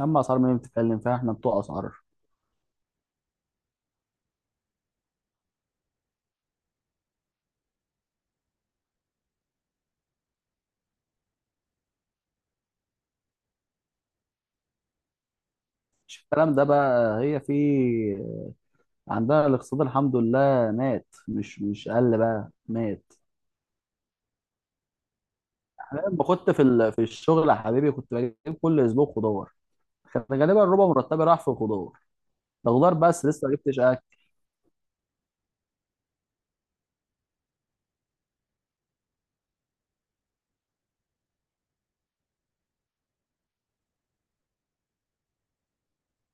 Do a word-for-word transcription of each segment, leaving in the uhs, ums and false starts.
اما اسعار مين بتتكلم فيها؟ احنا بتوع اسعار. مش الكلام ده بقى، هي في عندنا الاقتصاد الحمد لله مات، مش مش قل بقى، مات. انا لما كنت في ال... في الشغل يا حبيبي، كنت بجيب كل اسبوع خضار. كان غالبا ربع مرتبي راح في الخضار. ده خضار بس، لسه ما جبتش اكل.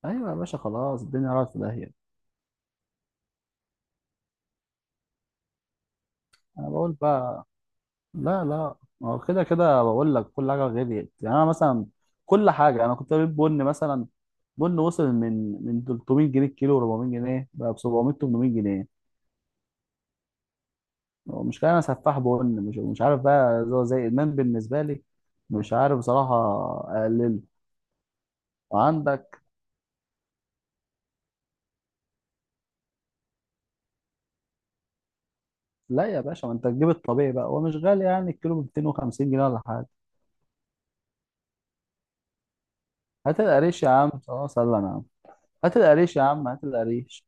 ايوه يا باشا، خلاص الدنيا راحت في داهيه. انا بقول بقى، لا، لا. ما هو كده كده، بقول لك كل حاجه غليت. يعني انا مثلا، كل حاجه انا كنت بجيب بن مثلا. بن وصل من من ثلاثمية جنيه الكيلو، اربعمية جنيه، بقى ب سبعمية تمنمية جنيه. هو مش كده، انا سفاح بن، مش مش عارف بقى، زي زي ادمان بالنسبه لي. مش عارف بصراحه، اقلله وعندك. لا يا باشا، ما انت تجيب الطبيعي بقى، هو مش غالي يعني، الكيلو ب ميتين وخمسين جنيه ولا حاجه. هات القريش يا عم، اه سلم يا عم، هات القريش يا عم، هات القريش.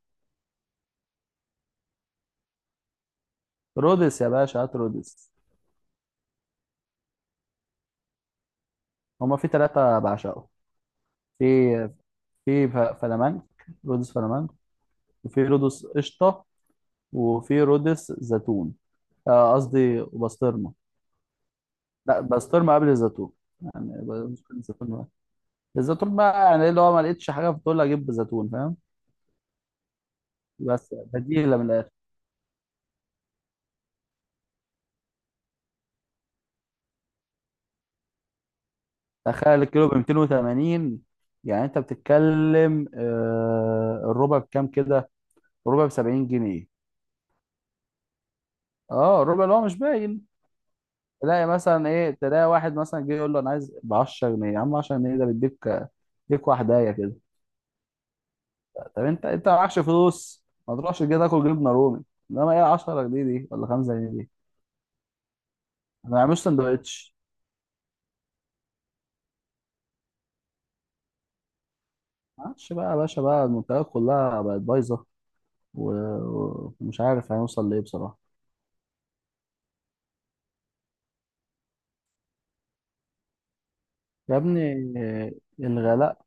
رودس يا باشا، هات رودس. هما في ثلاثه بعشقهم. في في ف- فلامنك رودس فلامنك. وفي رودس قشطه، وفي رودس زيتون. آه، قصدي وبسطرمه. لا بسطرمه قبل الزيتون. يعني ب- ممكن الزيتون بقى. الزيتون بقى يعني ايه اللي هو ما لقيتش حاجه فدول، اجيب زيتون فاهم. بس بديله من الاخر. تخيل الكيلو ب ميتين وتمانين. يعني انت بتتكلم، آه، الربع بكام كده؟ الربع ب سبعين جنيه. اه، الربع اللي هو مش باين. تلاقي مثلا ايه، تلاقي واحد مثلا جه يقول له انا عايز ب عشرة جنيه. يا عم عشرة جنيه ده بيديك، بيديك واحده. طب انت انت معكش فلوس، ما تروحش كده تاكل جبنه رومي. انما ايه، عشرة جنيه دي ولا خمسة جنيه دي. ما يعملوش سندوتش. معلش بقى يا باشا بقى، المنتجات كلها بقت بايظه، و- ومش عارف هنوصل لايه بصراحه. يا ابني الغلاء.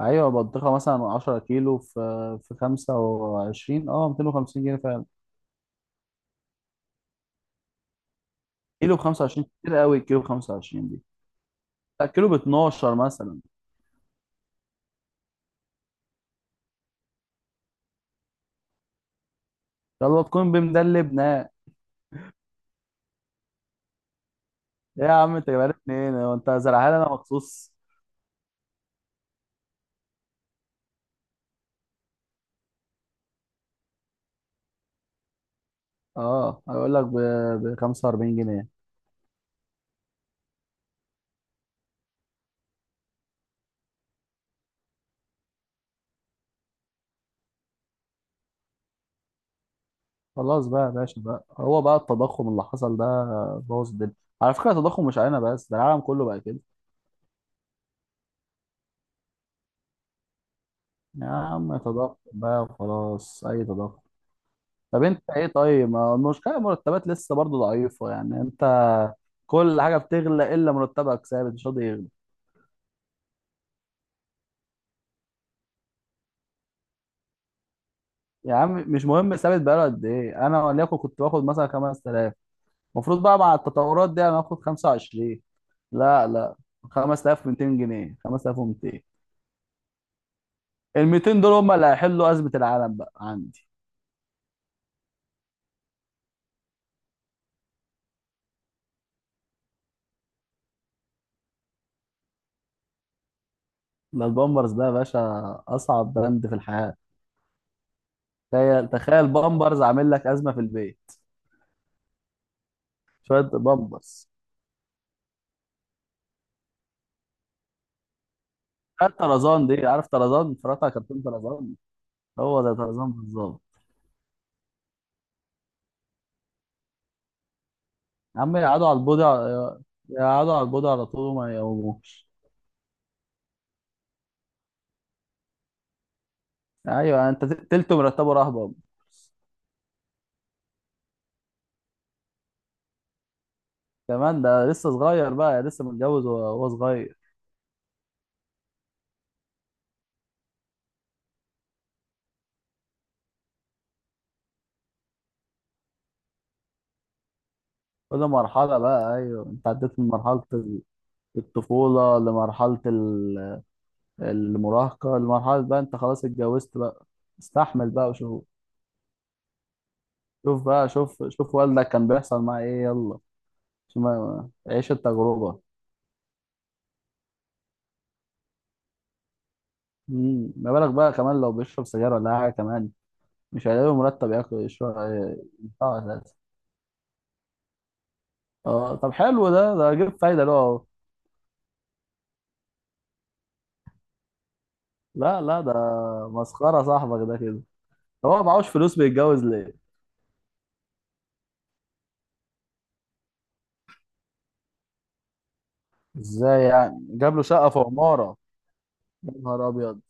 ايوه بطيخه مثلا عشرة كيلو، في في خمسة وعشرين، اه ميتين وخمسين جنيه فعلا. كيلو ب خمسة وعشرين كتير قوي، الكيلو ب خمسة وعشرين دي. لا كيلو ب اتناشر مثلا. يلا تكون بمدلبنا ايه. يا عم انت جايبها لي منين؟ هو انت زرعها لي انا مخصوص؟ اه هيقول لك ب خمسة واربعين جنيه. خلاص بقى يا باشا بقى، هو بقى التضخم اللي حصل ده بوظ الدنيا. على فكرة التضخم مش علينا بس، ده العالم كله بقى كده. يا عم تضخم بقى وخلاص، اي تضخم. طب انت ايه؟ طيب ما المشكلة، المرتبات لسه برضه ضعيفة، يعني انت كل حاجة بتغلى الا مرتبك، ثابت مش راضي يغلى. يا عم مش مهم ثابت بقاله قد ايه، انا وليكن كنت باخد مثلا خمس تلاف، المفروض بقى مع التطورات دي انا هاخد خمسة وعشرين. لا، لا، خمس تلاف وميتين جنيه، خمس تلاف وميتين. ال ميتين دول هم اللي هيحلوا ازمه العالم بقى عندي. ده البامبرز ده يا باشا اصعب براند في الحياه. تخيل، تخيل بامبرز عامل لك ازمه في البيت، شويه بامبرز. هات طرزان دي، عارف طرزان؟ اتفرجت على كرتون طرزان؟ هو زي طرزان بالظبط. يا عم يقعدوا على البودي على- يقعدوا على البودي على طول وما يقوموش. ايوه انت ت- تلته مرتبه راح بامبرز. كمان ده لسه صغير بقى، لسه متجوز وهو وهو صغير. كل مرحله بقى، ايوه انت عديت من مرحله الطفوله لمرحله المراهقة، المرحلة بقى انت خلاص اتجوزت بقى. استحمل بقى وشوف. شوف بقى، شوف، شوف والدك كان بيحصل معاه ايه، يلا، عشان ما- عيش التجربة. مم. ما بالك بقى كمان لو بيشرب سجاير ولا حاجة كمان، مش هيلاقي مرتب ياكل يشرب يدفعه اساسا. اه طب حلو ده ده جيب فايدة له اهو. لا، لا، ده مسخرة صاحبك ده كده. طب هو معهوش فلوس بيتجوز ليه؟ ازاي يعني؟ جاب له شقة في عمارة؟ يا نهار ابيض.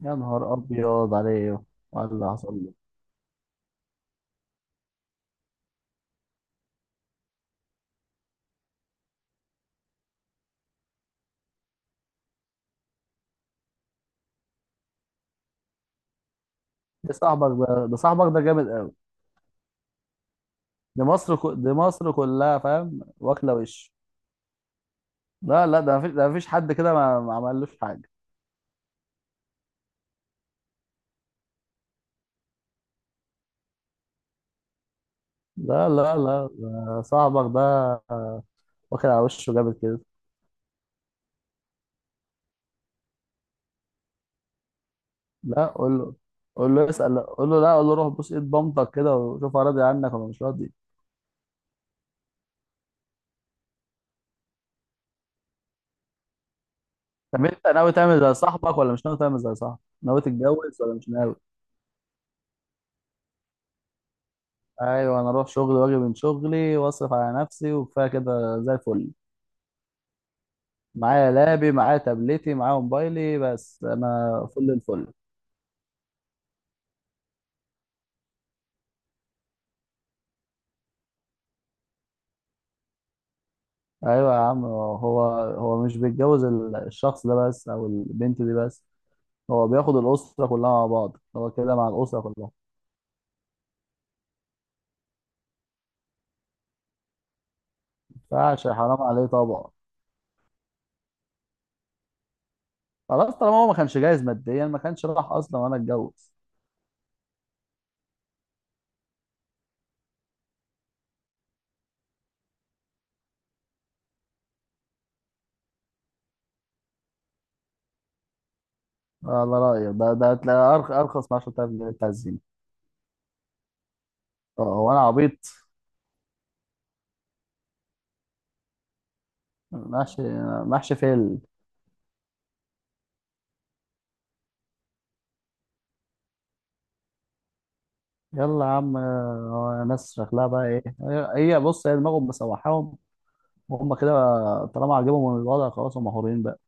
يا نهار ابيض عليه وعلى اللي حصل له. ده صاحبك ده ده صاحبك ده جامد قوي. دي مصر كو... دي مصر كلها فاهم، واكله وش. لا، لا، ده مفيش ده مفيش حد كده، ما, ما عملوش حاجه. لا، لا، لا، ده صاحبك ده واكل على وشه جامد كده. لا قول له، قول له اسال، قول له، لا قول له روح بوس ايد بامتك كده، وشوف هو راضي عنك ولا مش راضي. طب انت ناوي تعمل زي صاحبك ولا مش ناوي تعمل زي صاحبك؟ ناوي تتجوز ولا مش ناوي؟ ايوه انا اروح شغلي واجي من شغلي واصرف على نفسي وكفايه كده زي الفل. معايا لابي، معايا تابلتي، معايا موبايلي، بس انا فل الفل. ايوه يا عم، هو هو مش بيتجوز ال- الشخص ده بس او البنت دي بس. هو بياخد الاسره كلها مع بعض، هو كده مع الاسره كلها. فعشان حرام عليه طبعا. خلاص طالما هو ما كانش جاهز ماديا، ما كانش راح اصلا وانا اتجوز. على رايك ده ده تلاقي أرخ- ارخص من عشر تلاف جنيه بتاع الزينه. آه، هو انا عبيط؟ محشي. محشي فيل. يلا يا عم. آه، ناس شكلها بقى ايه هي؟ هي بص، هي دماغهم مسوحاهم، هم كده. طالما عجبهم الوضع خلاص، هم مهورين بقى.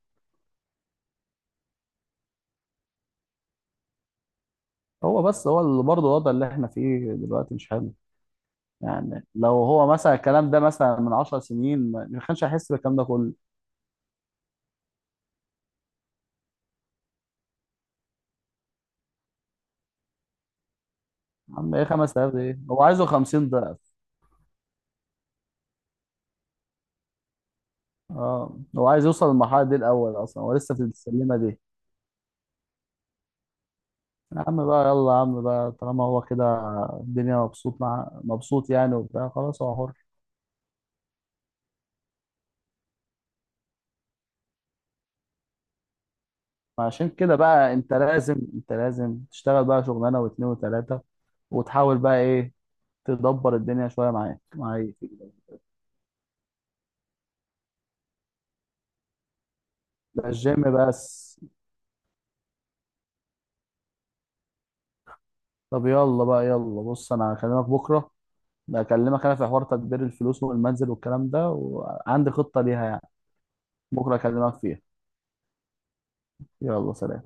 هو بس هو اللي برضه، الوضع اللي احنا فيه دلوقتي مش حلو. يعني لو هو مثلا الكلام ده مثلا من عشرة سنين، ما ما كانش هيحس بالكلام ده كله. يا عم ايه خمسة الاف ده؟ ايه، هو عايزه خمسين ضعف. اه هو عايز يوصل للمرحله دي، الاول اصلا هو لسه في السلمه دي. يا عم بقى، يلا يا عم بقى، طالما هو كده الدنيا، مبسوط مع مبسوط يعني وبتاع، خلاص هو حر. عشان كده بقى انت لازم انت لازم تشتغل بقى شغلانه واثنين وثلاثه، وتحاول بقى ايه، تدبر الدنيا شويه معايا معايا ده الجيم بس. طب يلا بقى، يلا بص، انا هكلمك بكره. ده اكلمك انا في حوار تدبير الفلوس والمنزل والكلام ده، وعندي خطه ليها يعني، بكره اكلمك فيها. يلا سلام.